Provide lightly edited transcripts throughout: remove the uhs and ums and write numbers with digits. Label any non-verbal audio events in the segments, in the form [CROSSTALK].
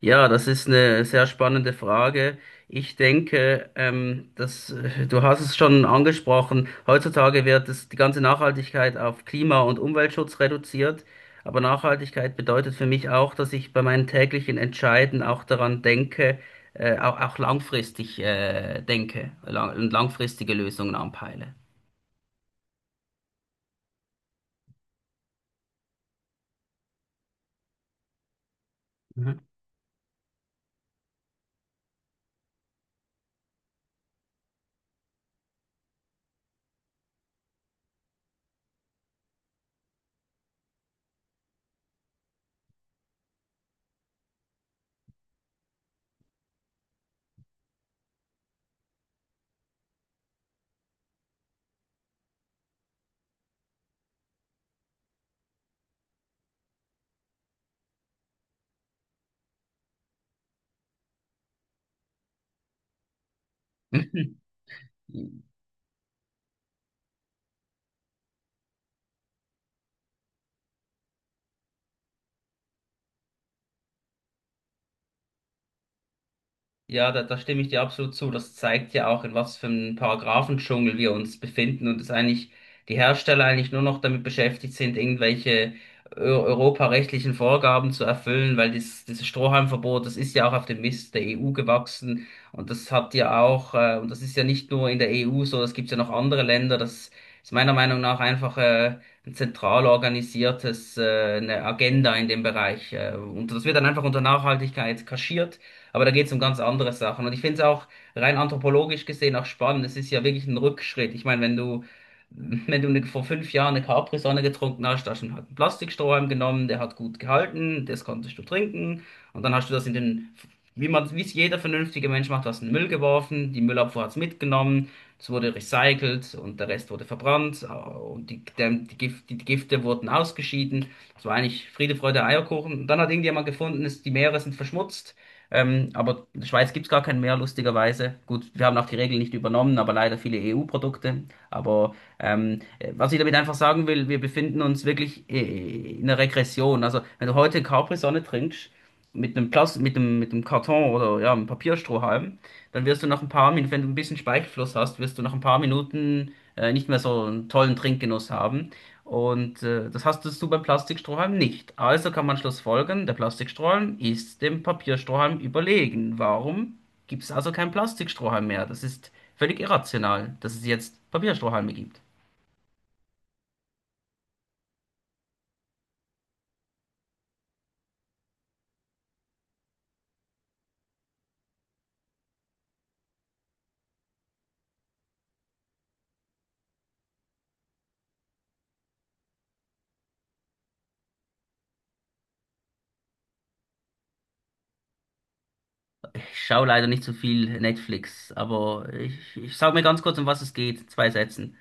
Ja, das ist eine sehr spannende Frage. Ich denke, dass du hast es schon angesprochen, heutzutage wird die ganze Nachhaltigkeit auf Klima- und Umweltschutz reduziert. Aber Nachhaltigkeit bedeutet für mich auch, dass ich bei meinen täglichen Entscheiden auch daran denke, auch langfristig, denke langfristige Lösungen anpeile. Mhm. [LAUGHS] Ja, da stimme ich dir absolut zu. Das zeigt ja auch, in was für einem Paragraphendschungel wir uns befinden und dass eigentlich die Hersteller eigentlich nur noch damit beschäftigt sind, irgendwelche europarechtlichen Vorgaben zu erfüllen, weil dieses Strohhalmverbot, das ist ja auch auf dem Mist der EU gewachsen. Und das hat ja auch, und das ist ja nicht nur in der EU so, das gibt es ja noch andere Länder. Das ist meiner Meinung nach einfach ein zentral organisiertes, eine Agenda in dem Bereich. Und das wird dann einfach unter Nachhaltigkeit kaschiert. Aber da geht es um ganz andere Sachen. Und ich finde es auch rein anthropologisch gesehen auch spannend. Es ist ja wirklich ein Rückschritt. Ich meine, wenn du, [LAUGHS] wenn du vor fünf Jahren eine Capri-Sonne getrunken hast, hast du halt einen Plastikstrohhalm genommen, der hat gut gehalten, das konntest du trinken. Und dann hast du das in wie man, wie es jeder vernünftige Mensch macht, hast du in den Müll geworfen, die Müllabfuhr hat es mitgenommen, es wurde recycelt und der Rest wurde verbrannt, und die Gifte wurden ausgeschieden. Es war eigentlich Friede, Freude, Eierkuchen. Und dann hat irgendjemand gefunden, dass die Meere sind verschmutzt. Aber in der Schweiz gibt's gar keinen mehr, lustigerweise. Gut, wir haben auch die Regeln nicht übernommen, aber leider viele EU-Produkte. Aber was ich damit einfach sagen will, wir befinden uns wirklich in einer Regression. Also wenn du heute Capri-Sonne trinkst, mit einem mit einem Karton oder ja, einem Papierstrohhalm, dann wirst du nach ein paar Minuten, wenn du ein bisschen Speichelfluss hast, wirst du nach ein paar Minuten nicht mehr so einen tollen Trinkgenuss haben. Und das hast du beim Plastikstrohhalm nicht. Also kann man schlussfolgern, der Plastikstrohhalm ist dem Papierstrohhalm überlegen. Warum gibt es also keinen Plastikstrohhalm mehr? Das ist völlig irrational, dass es jetzt Papierstrohhalme gibt. Ich schaue leider nicht so viel Netflix, aber ich sage mir ganz kurz, um was es geht. Zwei Sätzen.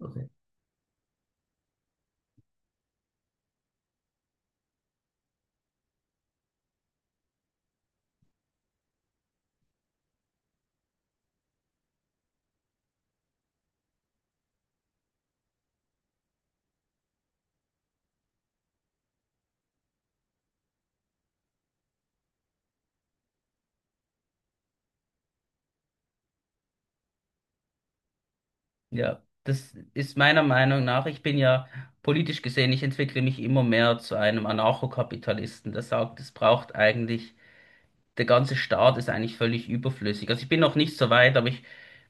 Okay. Ja, das ist meiner Meinung nach, ich bin ja politisch gesehen, ich entwickle mich immer mehr zu einem Anarchokapitalisten, der sagt, es braucht eigentlich, der ganze Start ist eigentlich völlig überflüssig. Also ich bin noch nicht so weit, aber ich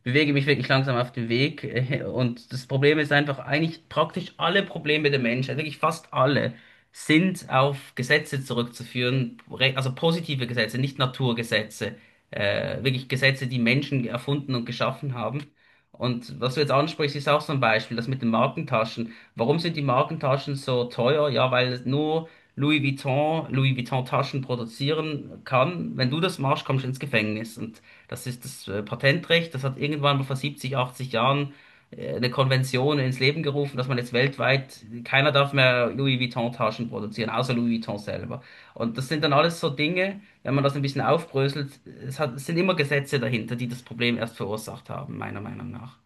bewege mich wirklich langsam auf den Weg. [LAUGHS] Und das Problem ist einfach, eigentlich praktisch alle Probleme der Menschheit, wirklich fast alle, sind auf Gesetze zurückzuführen, also positive Gesetze, nicht Naturgesetze, wirklich Gesetze, die Menschen erfunden und geschaffen haben. Und was du jetzt ansprichst, ist auch so ein Beispiel, das mit den Markentaschen. Warum sind die Markentaschen so teuer? Ja, weil es nur Louis Vuitton Taschen produzieren kann. Wenn du das machst, kommst du ins Gefängnis. Und das ist das Patentrecht. Das hat irgendwann mal vor 70, 80 Jahren eine Konvention ins Leben gerufen, dass man jetzt weltweit, keiner darf mehr Louis Vuitton Taschen produzieren, außer Louis Vuitton selber. Und das sind dann alles so Dinge, wenn man das ein bisschen aufbröselt, es sind immer Gesetze dahinter, die das Problem erst verursacht haben, meiner Meinung nach.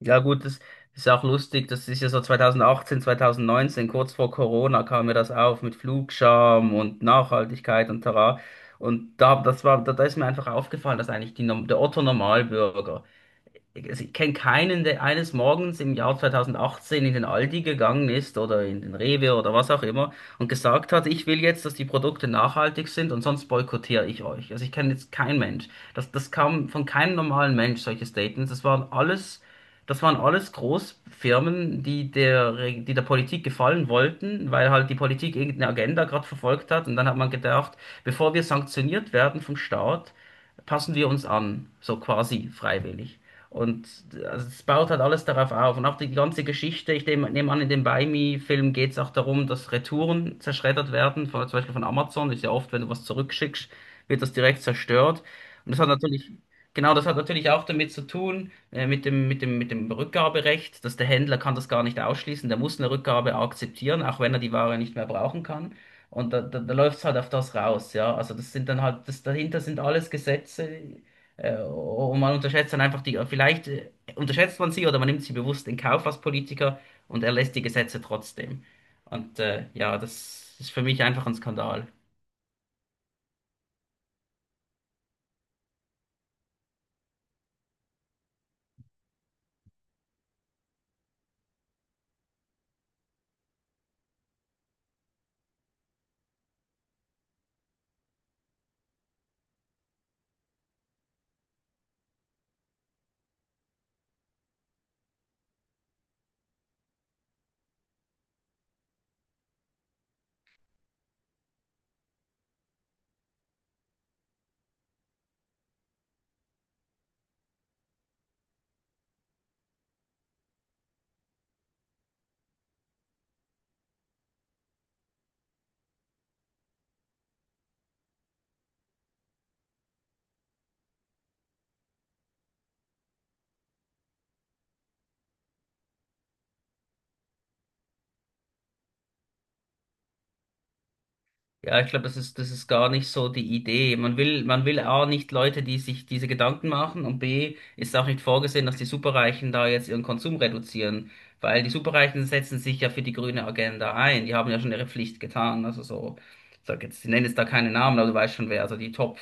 Ja gut, das ist auch lustig, das ist ja so 2018, 2019, kurz vor Corona kam mir das auf mit Flugscham und Nachhaltigkeit und tara. Und da ist mir einfach aufgefallen, dass eigentlich der Otto Normalbürger, also ich kenne keinen, der eines Morgens im Jahr 2018 in den Aldi gegangen ist oder in den Rewe oder was auch immer und gesagt hat, ich will jetzt, dass die Produkte nachhaltig sind und sonst boykottiere ich euch. Also ich kenne jetzt keinen Mensch. Das kam von keinem normalen Mensch, solche Statements. Das waren alles Großfirmen, die der Politik gefallen wollten, weil halt die Politik irgendeine Agenda gerade verfolgt hat. Und dann hat man gedacht, bevor wir sanktioniert werden vom Staat, passen wir uns an, so quasi freiwillig. Und also es baut halt alles darauf auf. Und auch die ganze Geschichte, ich nehme an, in dem Buy Me-Film geht es auch darum, dass Retouren zerschreddert werden, zum Beispiel von Amazon. Ist ja oft, wenn du was zurückschickst, wird das direkt zerstört. Und das hat natürlich, genau, das hat natürlich auch damit zu tun, mit dem Rückgaberecht, dass der Händler kann das gar nicht ausschließen. Der muss eine Rückgabe akzeptieren, auch wenn er die Ware nicht mehr brauchen kann. Und da läuft es halt auf das raus, ja. Also das sind dann halt, das dahinter sind alles Gesetze, und man unterschätzt dann einfach vielleicht unterschätzt man sie oder man nimmt sie bewusst in Kauf als Politiker und erlässt die Gesetze trotzdem. Und ja, das ist für mich einfach ein Skandal. Ja, ich glaube, das ist gar nicht so die Idee. Man will A, nicht Leute, die sich diese Gedanken machen, und B, ist auch nicht vorgesehen, dass die Superreichen da jetzt ihren Konsum reduzieren, weil die Superreichen setzen sich ja für die grüne Agenda ein. Die haben ja schon ihre Pflicht getan. Also so, ich nenne jetzt da keine Namen, aber du weißt schon wer, also die Top.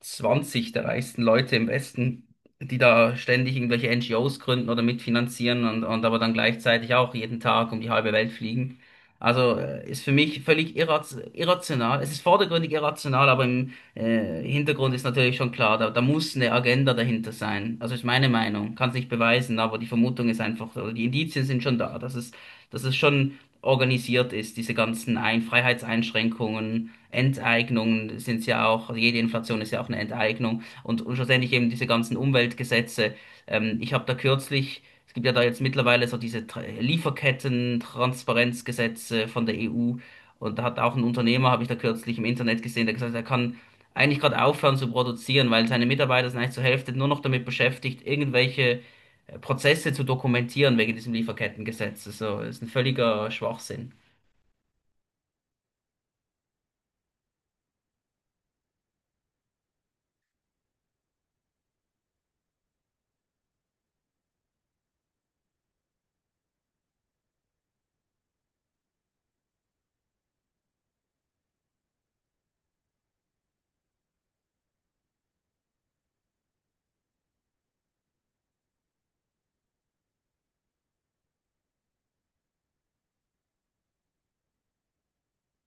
Zwanzig der reichsten Leute im Westen, die da ständig irgendwelche NGOs gründen oder mitfinanzieren und aber dann gleichzeitig auch jeden Tag um die halbe Welt fliegen. Also ist für mich völlig irraz irrational. Es ist vordergründig irrational, aber im Hintergrund ist natürlich schon klar, da muss eine Agenda dahinter sein. Also ist meine Meinung, kann es nicht beweisen, aber die Vermutung ist einfach, oder die Indizien sind schon da, dass es schon organisiert ist, diese ganzen Ein Freiheitseinschränkungen Enteignungen sind ja auch, also jede Inflation ist ja auch eine Enteignung und schlussendlich eben diese ganzen Umweltgesetze. Ich habe da kürzlich, es gibt ja da jetzt mittlerweile so diese Lieferketten-Transparenzgesetze von der EU und da hat auch ein Unternehmer, habe ich da kürzlich im Internet gesehen, der gesagt hat, er kann eigentlich gerade aufhören zu produzieren, weil seine Mitarbeiter sind eigentlich zur Hälfte nur noch damit beschäftigt, irgendwelche Prozesse zu dokumentieren wegen diesem Lieferkettengesetz. So, das ist ein völliger Schwachsinn. [LAUGHS]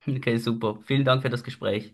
Okay, super. Vielen Dank für das Gespräch.